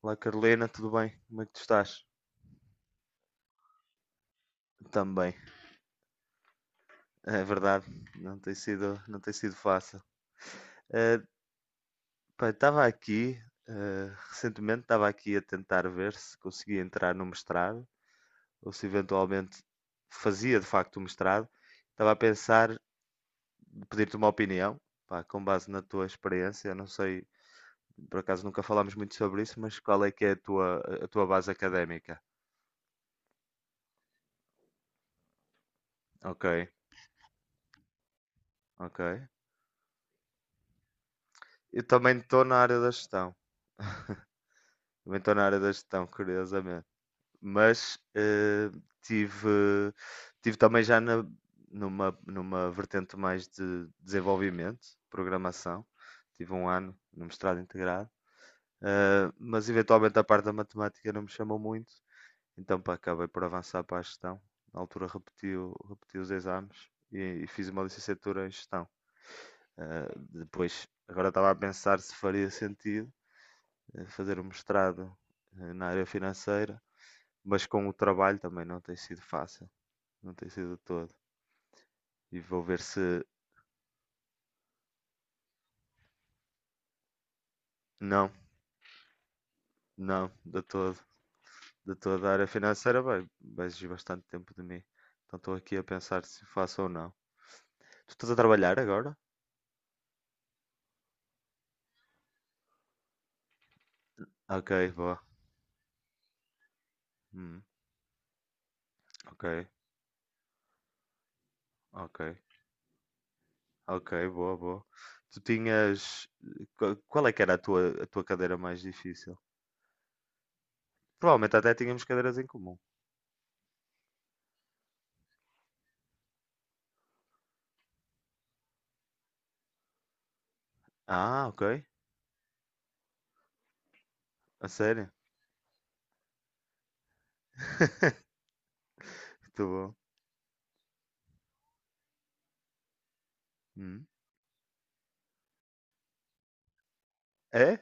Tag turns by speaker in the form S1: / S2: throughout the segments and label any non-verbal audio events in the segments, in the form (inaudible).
S1: Olá Carolina, tudo bem? Como é que tu estás? Também, é verdade, não tem sido fácil. Eh, estava aqui, recentemente estava aqui a tentar ver se conseguia entrar no mestrado, ou se eventualmente fazia de facto o mestrado. Estava a pensar, pedir-te uma opinião, pá, com base na tua experiência, eu não sei, por acaso nunca falámos muito sobre isso, mas qual é que é a tua base académica? Ok, ok. Eu também estou na área da gestão. (laughs) Também estou na área da gestão, curiosamente. Mas tive, tive também já numa vertente mais de desenvolvimento, programação. Tive um ano no mestrado integrado. Eh, mas eventualmente a parte da matemática não me chamou muito, então pá, acabei por avançar para a gestão. Na altura repeti os exames e fiz uma licenciatura em gestão. Eh, depois, agora estava a pensar se faria sentido fazer um mestrado na área financeira, mas com o trabalho também não tem sido fácil. Não tem sido de todo. E vou ver se. Não, não, de todo. De toda a área financeira vai exigir bastante tempo de mim. Então estou aqui a pensar se faço ou não. Tu estás a trabalhar agora? Ok, boa. Hum, ok, ok, ok, boa, boa. Tu tinhas. Qual é que era a tua cadeira mais difícil? Provavelmente até tínhamos cadeiras em comum. Ah, ok. A sério? (laughs) Muito bom. Hum. É?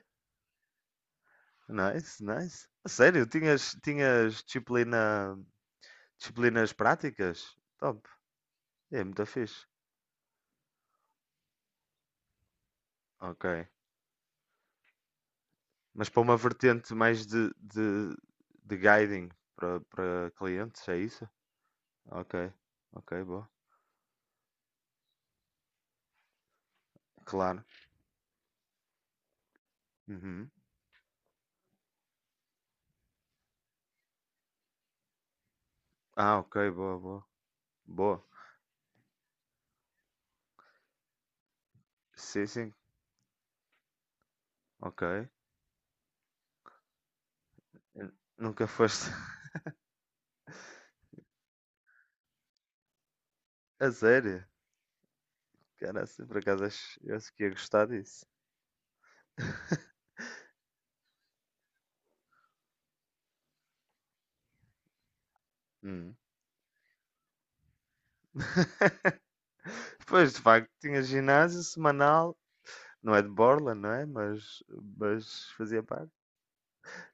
S1: Nice, nice. A sério, tinhas, disciplinas práticas? Top. É muito fixe. Ok. Mas para uma vertente mais de guiding para clientes, é isso? Ok. Ok, boa. Claro. Uhum. Ah, ok, boa, boa. Boa. Sim, sim. Ok. N- Nunca foste. (laughs) A sério? Cara, assim, por acaso eu acho que ia gostar disso. (laughs) Hum. Pois, de facto, tinha ginásio semanal. Não é de Borland, não é? Mas fazia parte.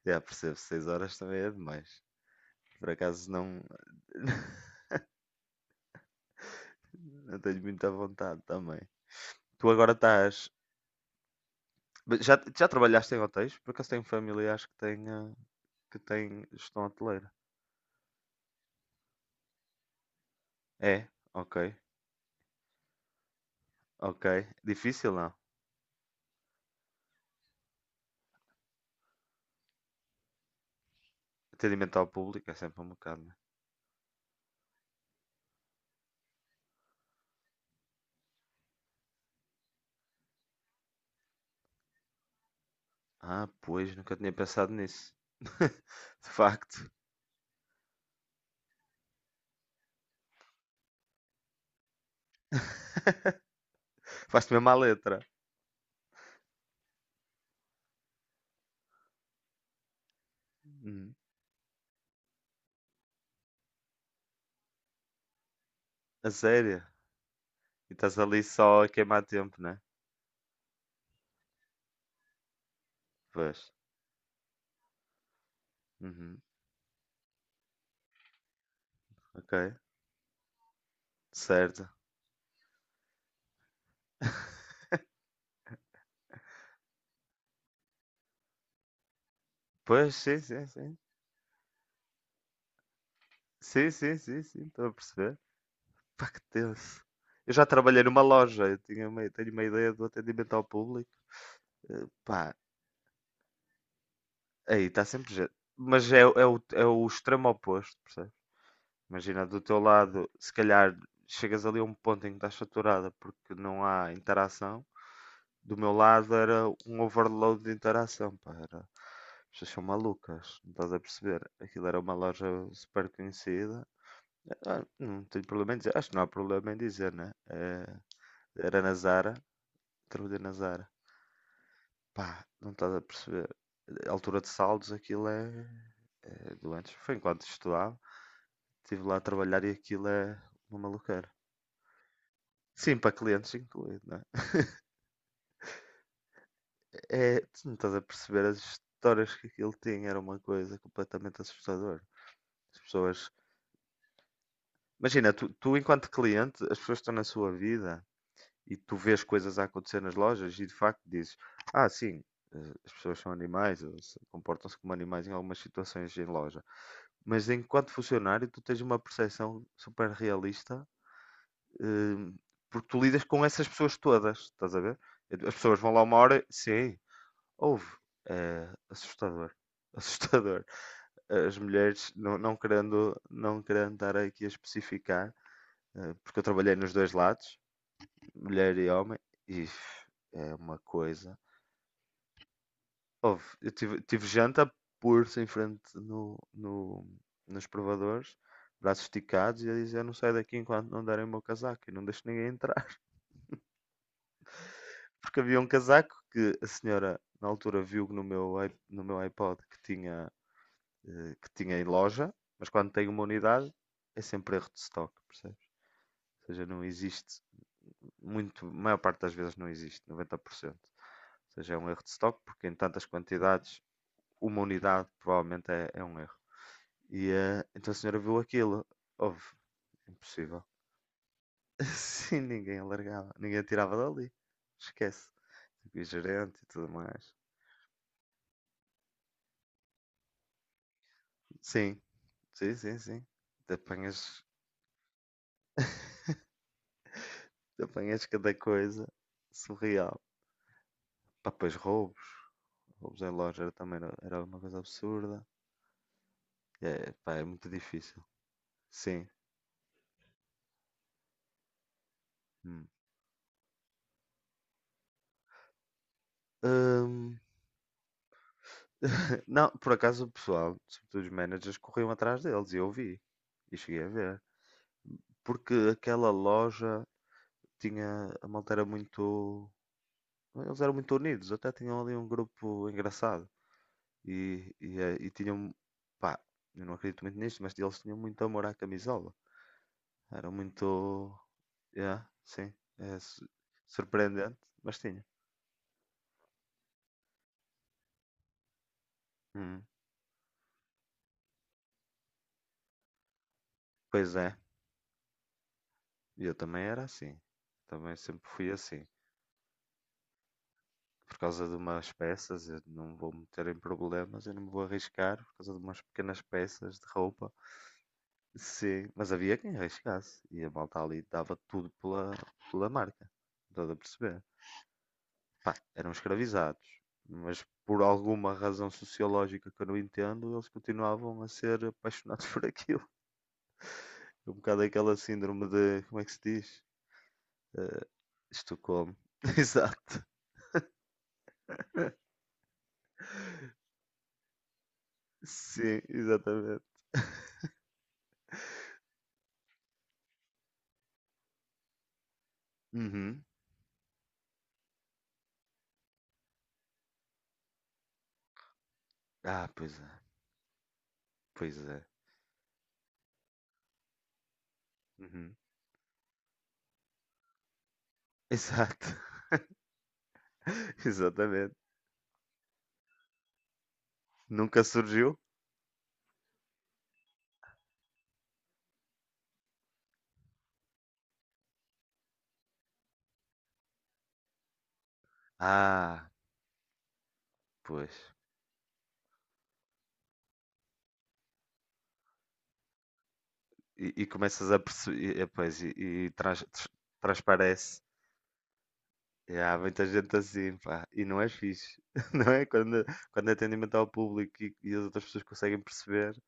S1: Já percebo. 6 horas também é demais. Por acaso não, (laughs) não tenho muita vontade também. Tu agora estás. Já trabalhaste em hotéis? Por acaso tenho familiares que têm, que têm gestão hoteleira? É? Ok. Ok. Difícil não? Atendimento ao público é sempre um bocado, né? Ah, pois, nunca tinha pensado nisso. (laughs) De facto. (laughs) Faz-te mesmo à letra. Hum. A sério? E estás ali só a queimar tempo, né? Pois. Uhum. Ok. Certo. Pois, sim, sim, sim. Sim, sim, sim, sim. Estou a perceber. Pá, que tenso. Eu já trabalhei numa loja. Eu tinha uma, tenho uma ideia do atendimento ao público. Pá, aí está sempre gente. É o extremo oposto, percebes? Imagina, do teu lado, se calhar chegas ali a um ponto em que estás saturada porque não há interação. Do meu lado era um overload de interação, pá. Era... as pessoas são malucas, não estás a perceber? Aquilo era uma loja super conhecida. Ah, não tenho problema em dizer, acho que não há problema em dizer, né? É, era na Zara, trabalhei na Zara. Pá, não estás a perceber. A altura de saldos, é doentes. Foi enquanto estudava, estive lá a trabalhar e aquilo é uma maluqueira. Sim, para clientes incluído, né? É, tu não estás a perceber as histórias que aquilo tinha, era uma coisa completamente assustadora. As pessoas. Imagina, tu enquanto cliente, as pessoas estão na sua vida e tu vês coisas a acontecer nas lojas e de facto dizes: ah, sim, eh, as pessoas são animais, ou se- comportam-se como animais em algumas situações em loja. Mas enquanto funcionário, tu tens uma percepção super realista, eh, porque tu lidas com essas pessoas todas, estás a ver? As pessoas vão lá uma hora, sim, houve. É assustador, (laughs) assustador. As mulheres, não querendo estar aqui a especificar, porque eu trabalhei nos dois lados, mulher e homem, e é uma coisa. Houve, tive janta pulso em frente no, nos provadores, braços esticados, e a dizer: eu não saio daqui enquanto não derem o meu casaco, e não deixo ninguém entrar. (laughs) Porque havia um casaco que a senhora, na altura, viu no meu iPod que tinha, que tinha em loja, mas quando tem uma unidade, é sempre erro de stock, percebes? Ou seja, não existe muito, a maior parte das vezes não existe, 90%. Ou seja, é um erro de stock, porque em tantas quantidades, uma unidade provavelmente é um erro. E então a senhora viu aquilo, houve, impossível. (laughs) Sim, ninguém alargava, ninguém tirava dali, esquece. Tipo, e gerente e tudo mais. Sim, sim, sim, sim. Te apanhas, te apanhas cada coisa surreal. Pá, pois roubos, era uma coisa absurda. É, pá, é muito difícil. Sim. Hum. Hum, não, por acaso o pessoal, sobretudo os managers, corriam atrás deles e eu vi. E cheguei a ver. Porque aquela loja tinha. A malta era muito. Eles eram muito unidos, até tinham ali um grupo engraçado. E tinham. Pá, eu não acredito muito nisto, mas eles tinham muito amor à camisola. Era muito. Yeah, sim. É su- surpreendente, mas tinha. Hum. Pois é, eu também era assim. Também sempre fui assim. Por causa de umas peças, eu não vou meter em problemas, eu não me vou arriscar por causa de umas pequenas peças de roupa. Sim, mas havia quem arriscasse e a malta ali pela marca, toda a perceber. Pá, eram escravizados, mas por alguma razão sociológica que eu não entendo, eles continuavam a ser apaixonados (laughs) por aquilo. Um bocado aquela síndrome de, como é que se diz? Uh, Estocolmo. (laughs) Exato. Sim, exatamente. (laughs) Uhum. Ah, pois é, pois é. Uhum. Exato, (laughs) exatamente. Nunca surgiu? Ah, pois. E começas a perceber, pois, e trans- tr- transparece. E há muita gente assim, pá, e não é fixe, (laughs) não é? Quando, quando é atendimento ao público e as outras pessoas conseguem perceber,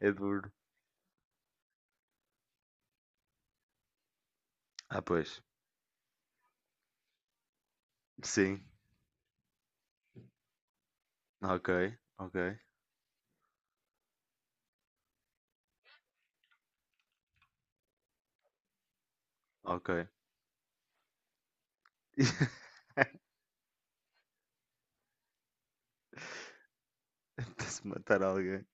S1: é duro. Ah, pois, sim, ok, ok, ok. (laughs) Até-se matar alguém.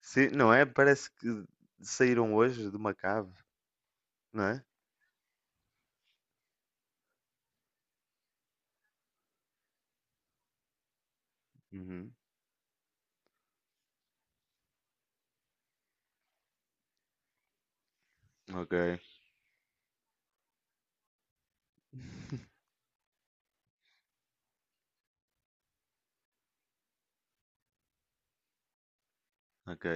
S1: Sim, não é? Parece que saíram hoje de uma cave, não é? Uhum. Ok, (laughs) ok.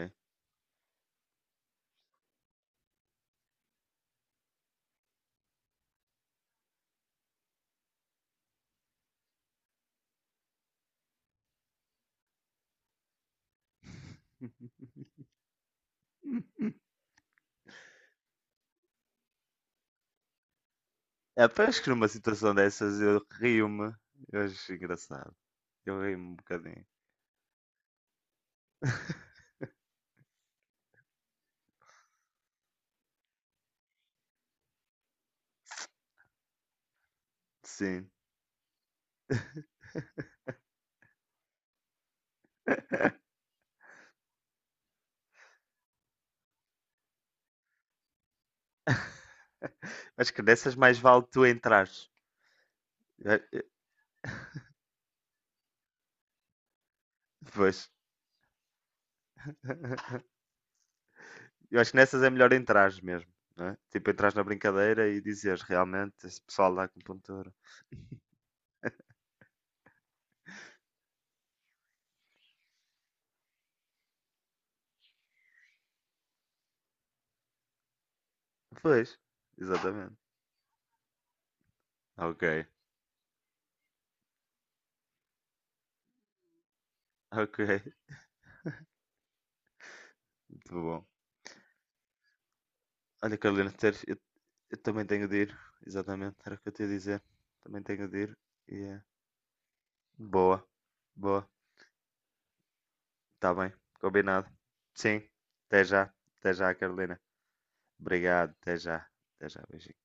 S1: (laughs) É, pois que numa situação dessas eu rio-me. Eu acho engraçado. Eu rio-me um bocadinho. Sim. (laughs) Acho que nessas mais vale tu entrares. Eh, eh, Pois. (laughs) Eu acho que nessas é melhor entrares mesmo. Não é? Tipo, entrares na brincadeira e dizeres realmente esse pessoal da acupuntura. Pois, exatamente. Ok, ok, muito bom. Olha, Carolina, eu também tenho de ir. Exatamente, era o que eu te ia dizer. Também tenho de ir. E é boa, boa. Está bem, combinado. Sim, até já. Até já, Carolina. Obrigado, até já. Até já, beijinho.